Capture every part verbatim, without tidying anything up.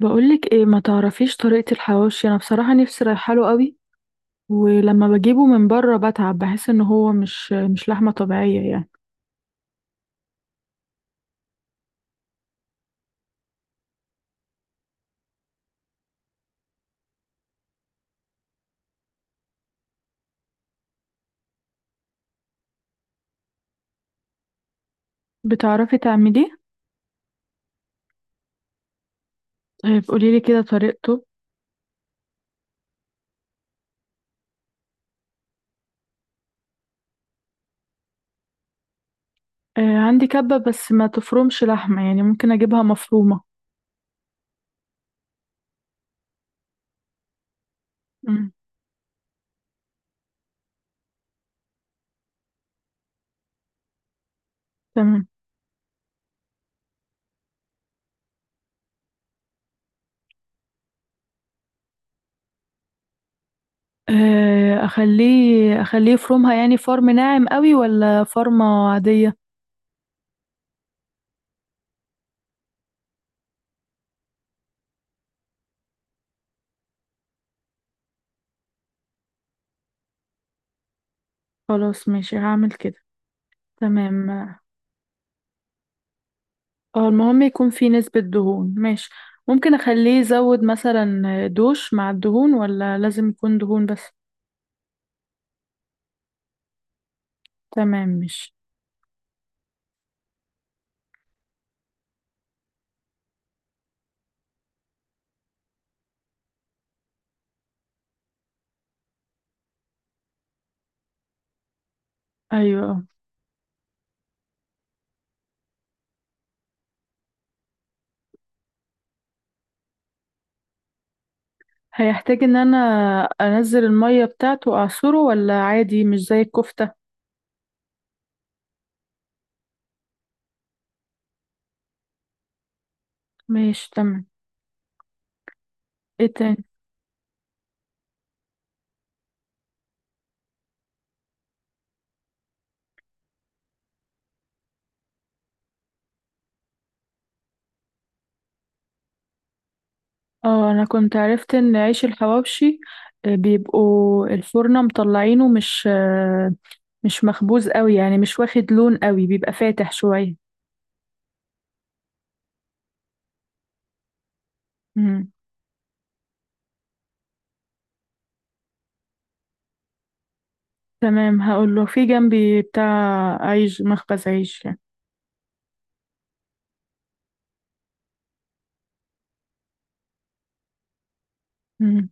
بقولك ايه، ما تعرفيش طريقة الحواوشي؟ انا بصراحة نفسي رايحة له قوي. ولما بجيبه من بره بتعب، بحس ان هو مش مش لحمة طبيعية يعني. بتعرفي تعمليه؟ آه، قوليلي كده طريقته. آه، عندي كبة بس ما تفرمش لحمة، يعني ممكن اجيبها مفرومة. مم. تمام. آه، اخليه اخليه يفرمها يعني فرم ناعم قوي ولا فرمة عادية؟ خلاص ماشي، هعمل كده. تمام. اه، المهم يكون فيه نسبة دهون. ماشي. ممكن اخليه يزود مثلا دوش مع الدهون ولا لازم يكون دهون بس؟ تمام. مش. ايوه. هيحتاج ان انا انزل المية بتاعته اعصره ولا عادي مش زي الكفتة؟ ماشي تمام. ايه تاني؟ اه، انا كنت عرفت ان عيش الحواوشي آه، بيبقوا الفرنة مطلعينه مش آه، مش مخبوز قوي يعني، مش واخد لون قوي، بيبقى فاتح شوية. مم. تمام. هقول له في جنبي بتاع عيش، مخبز عيش يعني. مم.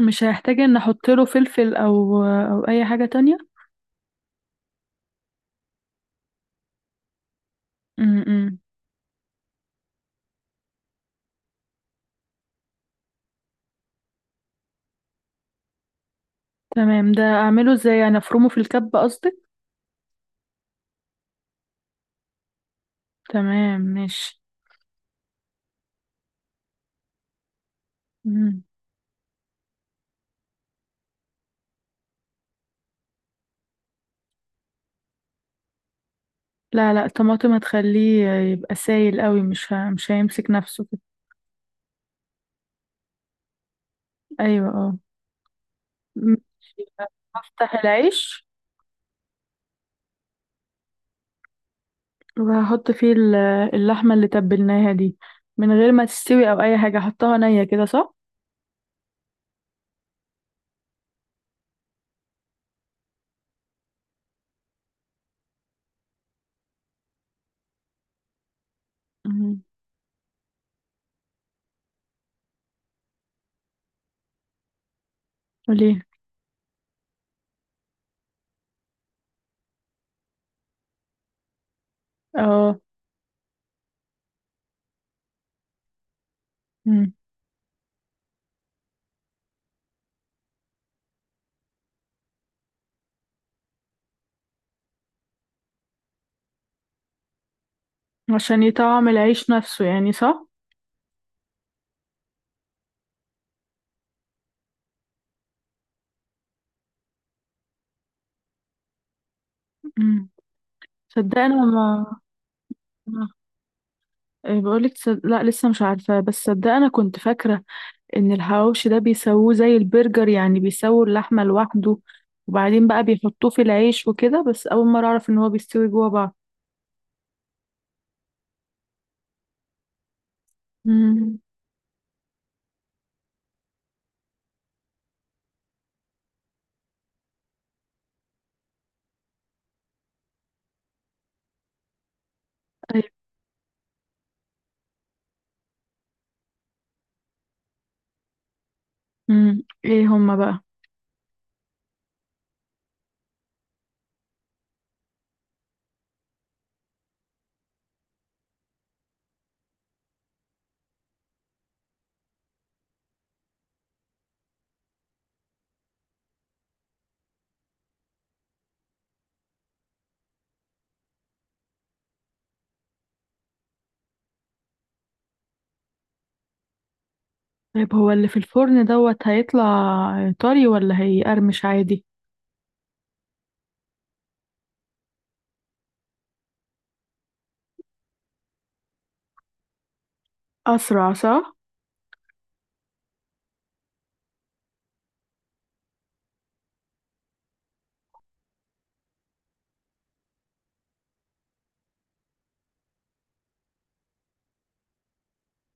مش هيحتاج ان احط له فلفل او او اي حاجة تانية؟ امم. تمام، ده اعمله ازاي يعني؟ افرمه في الكب قصدك؟ تمام ماشي. مم. لا لا، الطماطم هتخليه يبقى سايل قوي، مش ه... مش هيمسك نفسه كده. ايوه اه. ماشي. هفتح العيش وهحط فيه ال- اللحمة اللي تبلناها دي، من غير ما تستوي او اي حاجة، احطها نية كده صح؟ مم. وليه؟ اه. مم. عشان يطعم العيش نفسه يعني صح؟ مم. صدق انا ما ما- إيه بقولك؟ تصد... لا لسه مش عارفة، بس صدق انا كنت فاكرة ان الحواوشي ده بيسووه زي البرجر، يعني بيسووا اللحمة لوحده وبعدين بقى بيحطوه في العيش وكده. بس اول مرة اعرف ان هو بيستوي جوه بعض. مم. طيب. مم. ايه هما بقى؟ طيب هو اللي في الفرن دوت هيطلع طري ولا هيقرمش عادي؟ اسرع صح.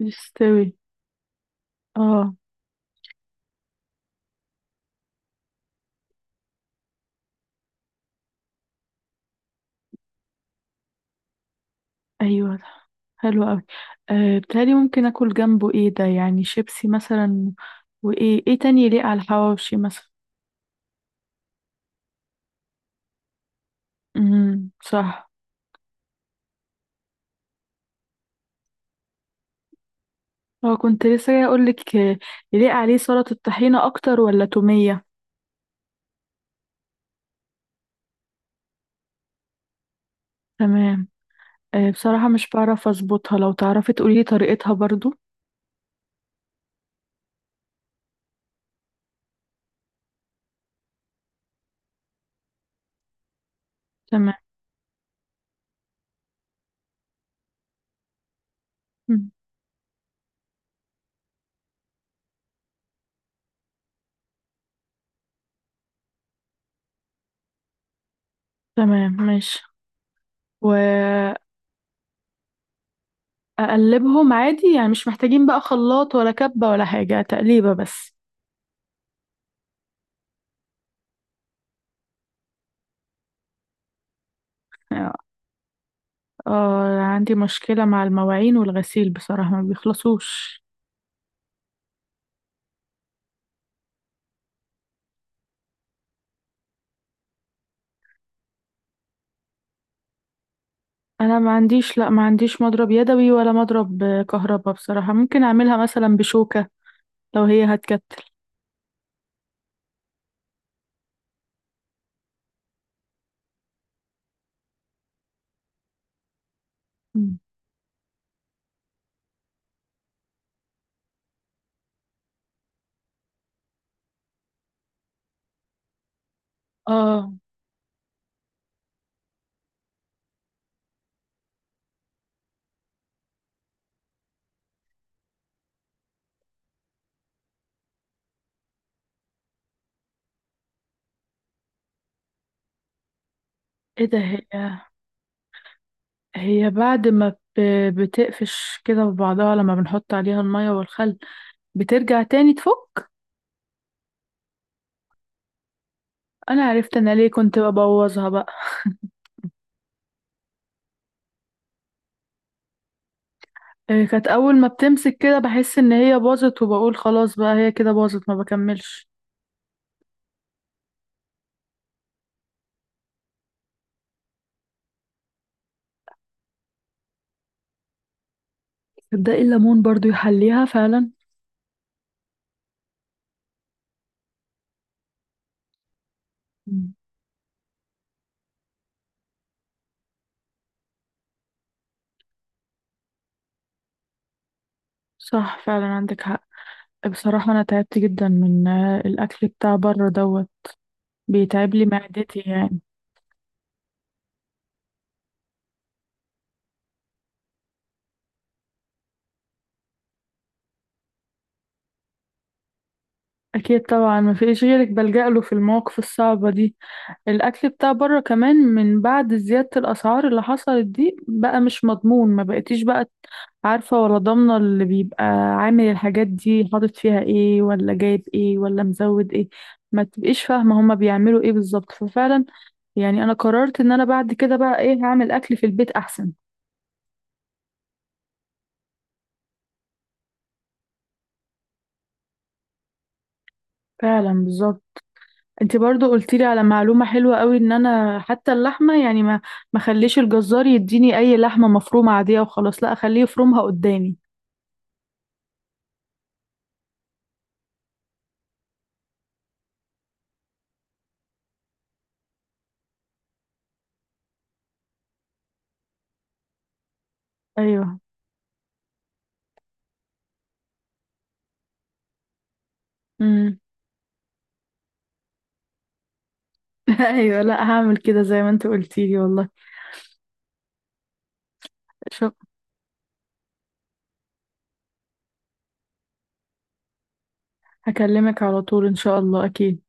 يستوي. اه. ايوه. حلو قوي. أه بتهيألي ممكن اكل جنبه ايه ده يعني؟ شيبسي مثلا؟ وايه ايه تاني يليق على الحواوشي مثلا؟ امم صح. هو كنت لسه جاي اقول لك، يليق عليه سلطة الطحينة اكتر ولا تومية؟ تمام. أه، بصراحة مش بعرف اظبطها، لو تعرفي تقولي لي طريقتها برضو. تمام. مم. تمام ماشي. واقلبهم عادي يعني؟ مش محتاجين بقى خلاط ولا كبة ولا حاجة، تقليبة بس؟ اه، عندي مشكلة مع المواعين والغسيل بصراحة، ما بيخلصوش. انا ما عنديش، لا ما عنديش مضرب يدوي ولا مضرب آه، كهربا بصراحة. ممكن اعملها مثلا بشوكة لو هي هتكتل؟ مم. اه. ايه ده؟ هي هي بعد ما ب- بتقفش كده ببعضها لما بنحط عليها المية والخل، بترجع تاني تفك؟ انا عرفت انا ليه كنت ببوظها بقى. آه، كانت اول ما بتمسك كده بحس ان هي باظت وبقول خلاص بقى هي كده باظت، ما بكملش. تصدقي الليمون برضو يحليها فعلا. مم. صح فعلا، عندك حق. بصراحة أنا تعبت جدا من آه، الأكل بتاع بره دوت، بيتعب لي معدتي يعني. أكيد طبعا، ما فيش غيرك بلجأ له في المواقف الصعبة دي. الأكل بتاع بره كمان من بعد زيادة الأسعار اللي حصلت دي بقى مش مضمون، ما بقتيش بقى عارفة ولا ضامنة اللي بيبقى عامل الحاجات دي حاطط فيها ايه، ولا جايب ايه، ولا مزود ايه. ما تبقيش فاهمة هما بيعملوا ايه بالظبط. ففعلا يعني، أنا قررت إن أنا بعد كده بقى ايه، هعمل أكل في البيت أحسن. فعلا بالظبط. انت برضو قلت لي على معلومة حلوة قوي، ان انا حتى اللحمة يعني ما ما خليش الجزار يديني اي لحمة مفرومة عادية وخلاص، لا اخليه يفرمها قدامي. ايوه. امم. ايوه، لا هعمل كده زي ما انت قلتي لي والله. شو. هكلمك على طول ان شاء الله اكيد.